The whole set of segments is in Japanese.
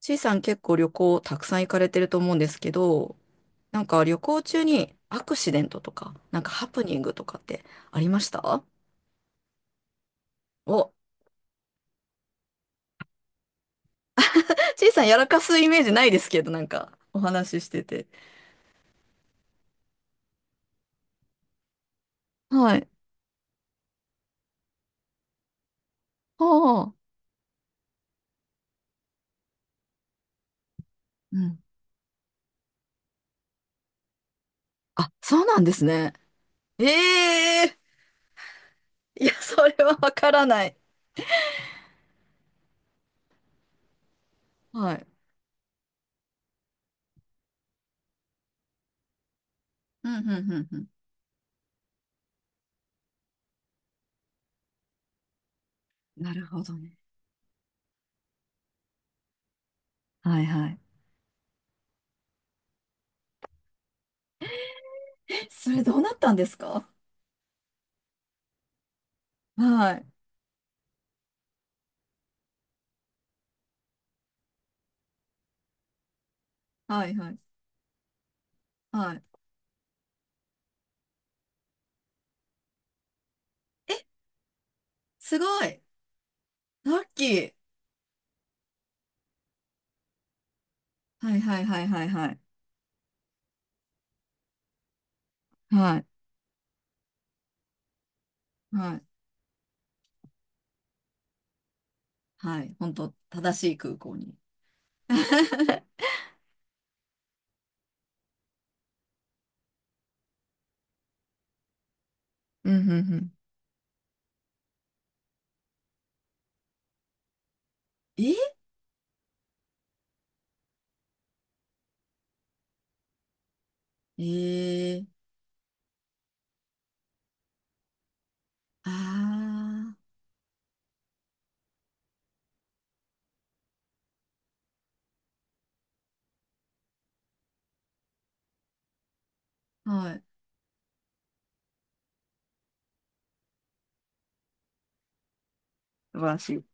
ちいさん結構旅行たくさん行かれてると思うんですけど、なんか旅行中にアクシデントとか、なんかハプニングとかってありました？お、ちいさんやらかすイメージないですけど、なんかお話ししてて。はい。ああ。うん。あ、そうなんですね。ええー、いや、それはわからない。はい。うん、うん、うん、うん。なるほどね。はいはい。え、それどうなったんですか？はい。はいはい。はい。え、すごい。ラッキー。はいはいはいはいはい。はい。はい。はい。本当正しい空港に。うん、うん、うん。ええー、ああ、はい、素晴らしい。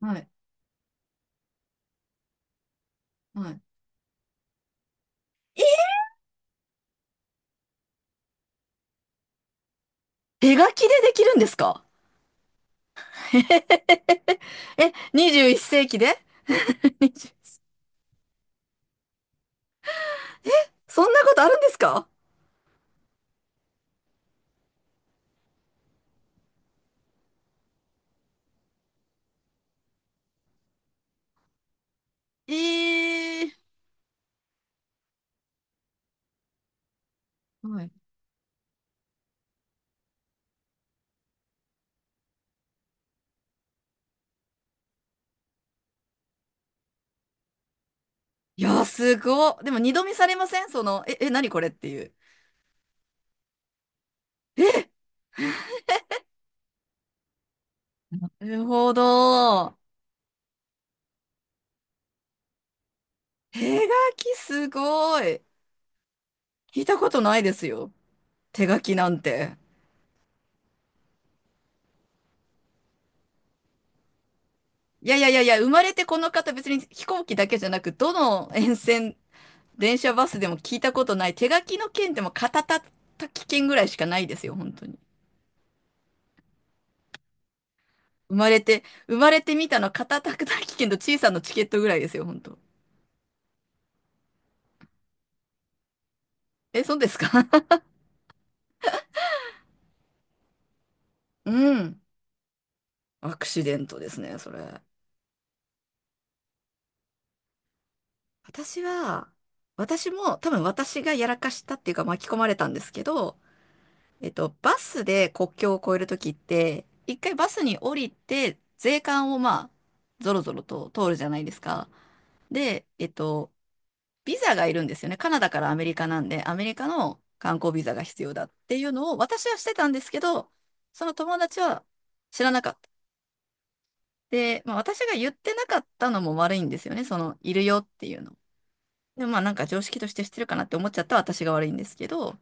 はい、はい。手書きでできるんですか？ え、21世紀で？ にじゅう、そんなことあるんですか？ええー、はい。いや、すごっ。でも二度見されません？その、え、え、何これっていう。え、なるほど。手書きすごい。聞いたことないですよ。手書きなんて。いやいやいやいや、生まれてこの方別に飛行機だけじゃなく、どの沿線、電車バスでも聞いたことない。手書きの件でも片たたき券ぐらいしかないですよ、本当に。生まれて、生まれてみたの片たき券と小さなチケットぐらいですよ、本当。え、そうですか？ うん。アクシデントですね、それ。私は、私も多分私がやらかしたっていうか巻き込まれたんですけど、バスで国境を越えるときって、一回バスに降りて、税関をまあ、ぞろぞろと通るじゃないですか。で、ビザがいるんですよね。カナダからアメリカなんで、アメリカの観光ビザが必要だっていうのを私はしてたんですけど、その友達は知らなかった。で、まあ、私が言ってなかったのも悪いんですよね。その、いるよっていうの。でもまあなんか常識として知ってるかなって思っちゃった私が悪いんですけど、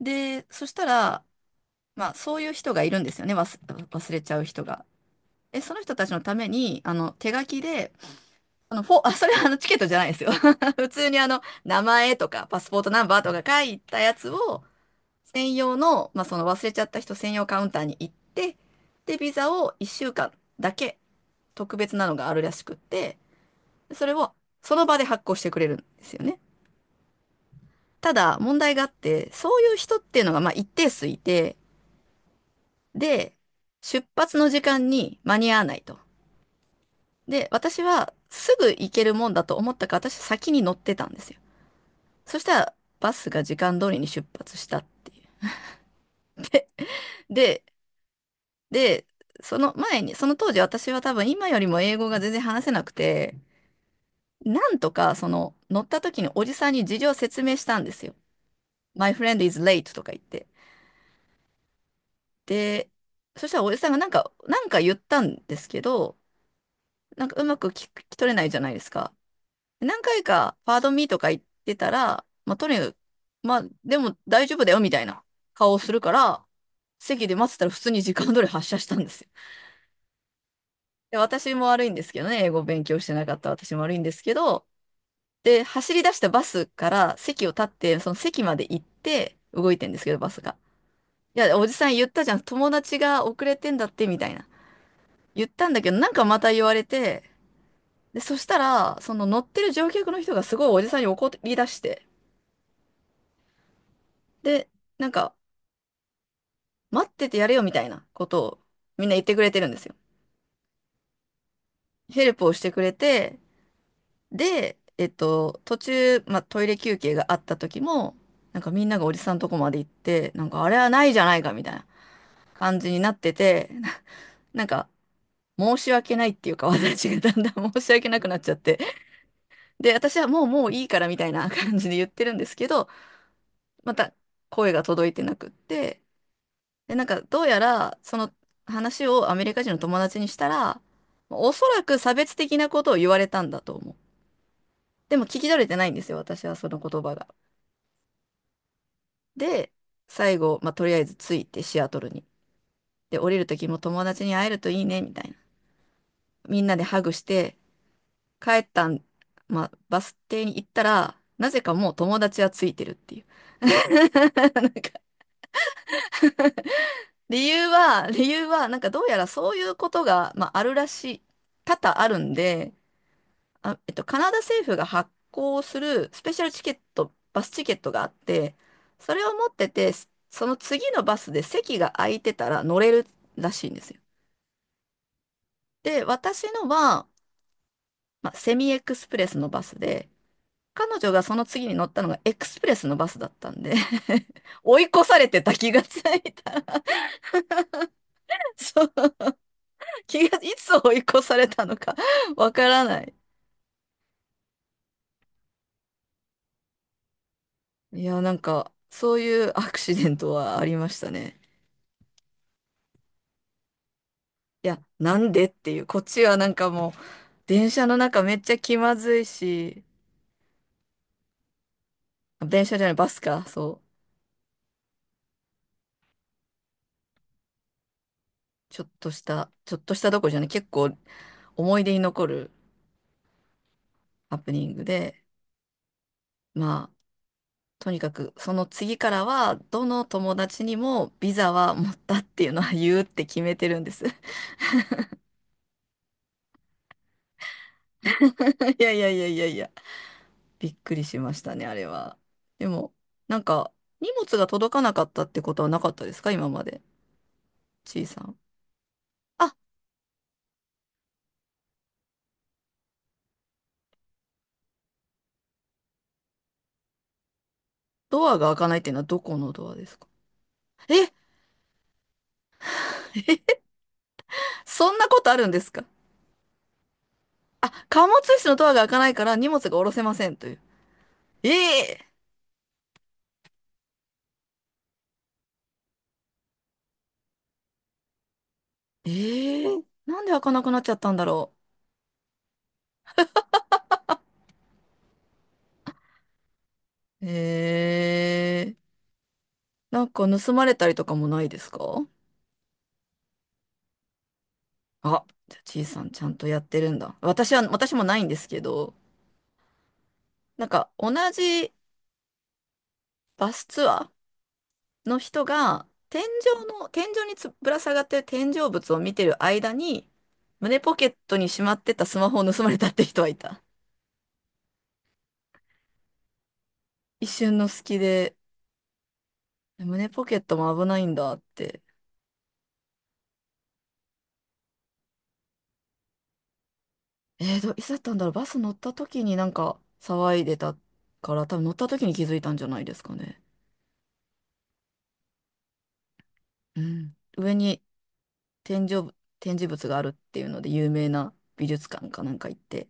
で、そしたら、まあ、そういう人がいるんですよね、忘れちゃう人が。え、その人たちのために、あの、手書きで、あ、それはあの、チケットじゃないですよ。普通にあの、名前とか、パスポートナンバーとか書いたやつを、専用の、まあ、その忘れちゃった人専用カウンターに行って、で、ビザを1週間だけ特別なのがあるらしくって、それをその場で発行してくれるんですよね。ただ、問題があって、そういう人っていうのが、まあ、一定数いて、で、出発の時間に間に合わないと。で、私はすぐ行けるもんだと思ったから、私先に乗ってたんですよ。そしたら、バスが時間通りに出発したっていう。で、で、その前に、その当時私は多分今よりも英語が全然話せなくて、なんとかその乗った時におじさんに事情を説明したんですよ。My friend is late とか言って。で、そしたらおじさんがなんか、なんか言ったんですけど、なんかうまく聞き取れないじゃないですか。何回かパードミーとか行ってたら、まあ、とにかく、まあ、でも大丈夫だよみたいな顔をするから、席で待ってたら普通に時間通り発車したんですよ。で、私も悪いんですけどね、英語勉強してなかった私も悪いんですけど、で、走り出したバスから席を立って、その席まで行って動いてんですけど、バスが。いや、おじさん言ったじゃん、友達が遅れてんだって、みたいな。言ったんだけど、なんかまた言われて、で、そしたら、その乗ってる乗客の人がすごいおじさんに怒り出して、で、なんか、待っててやれよみたいなことをみんな言ってくれてるんですよ。ヘルプをしてくれて、で、途中、まあ、トイレ休憩があった時も、なんかみんながおじさんとこまで行って、なんかあれはないじゃないかみたいな感じになってて、なんか申し訳ないっていうか、私がだんだん 申し訳なくなっちゃって、で、私はもうもういいからみたいな感じで言ってるんですけど、また声が届いてなくって、で、なんか、どうやら、その話をアメリカ人の友達にしたら、おそらく差別的なことを言われたんだと思う。でも聞き取れてないんですよ、私はその言葉が。で、最後、まあ、とりあえず着いてシアトルに。で、降りる時も友達に会えるといいね、みたいな。みんなでハグして、帰ったん、まあ、バス停に行ったら、なぜかもう友達はついてるっていう。なんか、理由は、なんかどうやらそういうことが、まあ、あるらしい、多々あるんで、あ、カナダ政府が発行するスペシャルチケット、バスチケットがあって、それを持ってて、その次のバスで席が空いてたら乗れるらしいんですよ。で、私のは、まあ、セミエクスプレスのバスで、彼女がその次に乗ったのがエクスプレスのバスだったんで 追い越されてた気がついた。そう、気が、いつ追い越されたのかわからない。いや、なんか、そういうアクシデントはありましたね。いや、なんでっていう、こっちはなんかもう、電車の中めっちゃ気まずいし、あ電車じゃない、バスか、そう、ちょっとした、ちょっとしたどころじゃない、結構思い出に残るハプニングで、まあ、とにかく、その次からは、どの友達にもビザは持ったっていうのは 言うって決めてるんです。いやいやいやいやいや、びっくりしましたね、あれは。でも、なんか、荷物が届かなかったってことはなかったですか、今まで。ちいさん。あ、ドアが開かないっていうのはどこのドアですか？え、え、そんなことあるんですか？あ、貨物室のドアが開かないから荷物が下ろせませんという。ええ、ええ、なんで開かなくなっちゃったんだろう。ええ、なんか盗まれたりとかもないですか？あ、じゃあちいさんちゃんとやってるんだ。私は、私もないんですけど、なんか同じバスツアーの人が、天井の、天井につぶら下がってる天井物を見てる間に、胸ポケットにしまってたスマホを盗まれたって人はいた。一瞬の隙で、胸ポケットも危ないんだって。えーと、いつだったんだろう、バス乗った時になんか騒いでたから、多分乗った時に気づいたんじゃないですかね。うん。上に天井ぶ、展示物があるっていうので有名な美術館かなんか行って。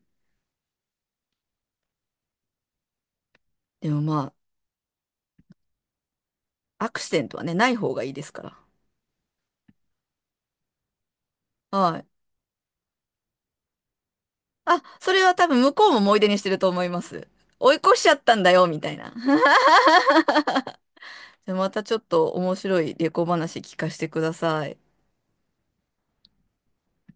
でもまあ、アクシデントはね、ない方がいいですから。はい。あ、それは多分向こうも思い出にしてると思います。追い越しちゃったんだよ、みたいな。じゃあまたちょっと面白い旅行話聞かせてください。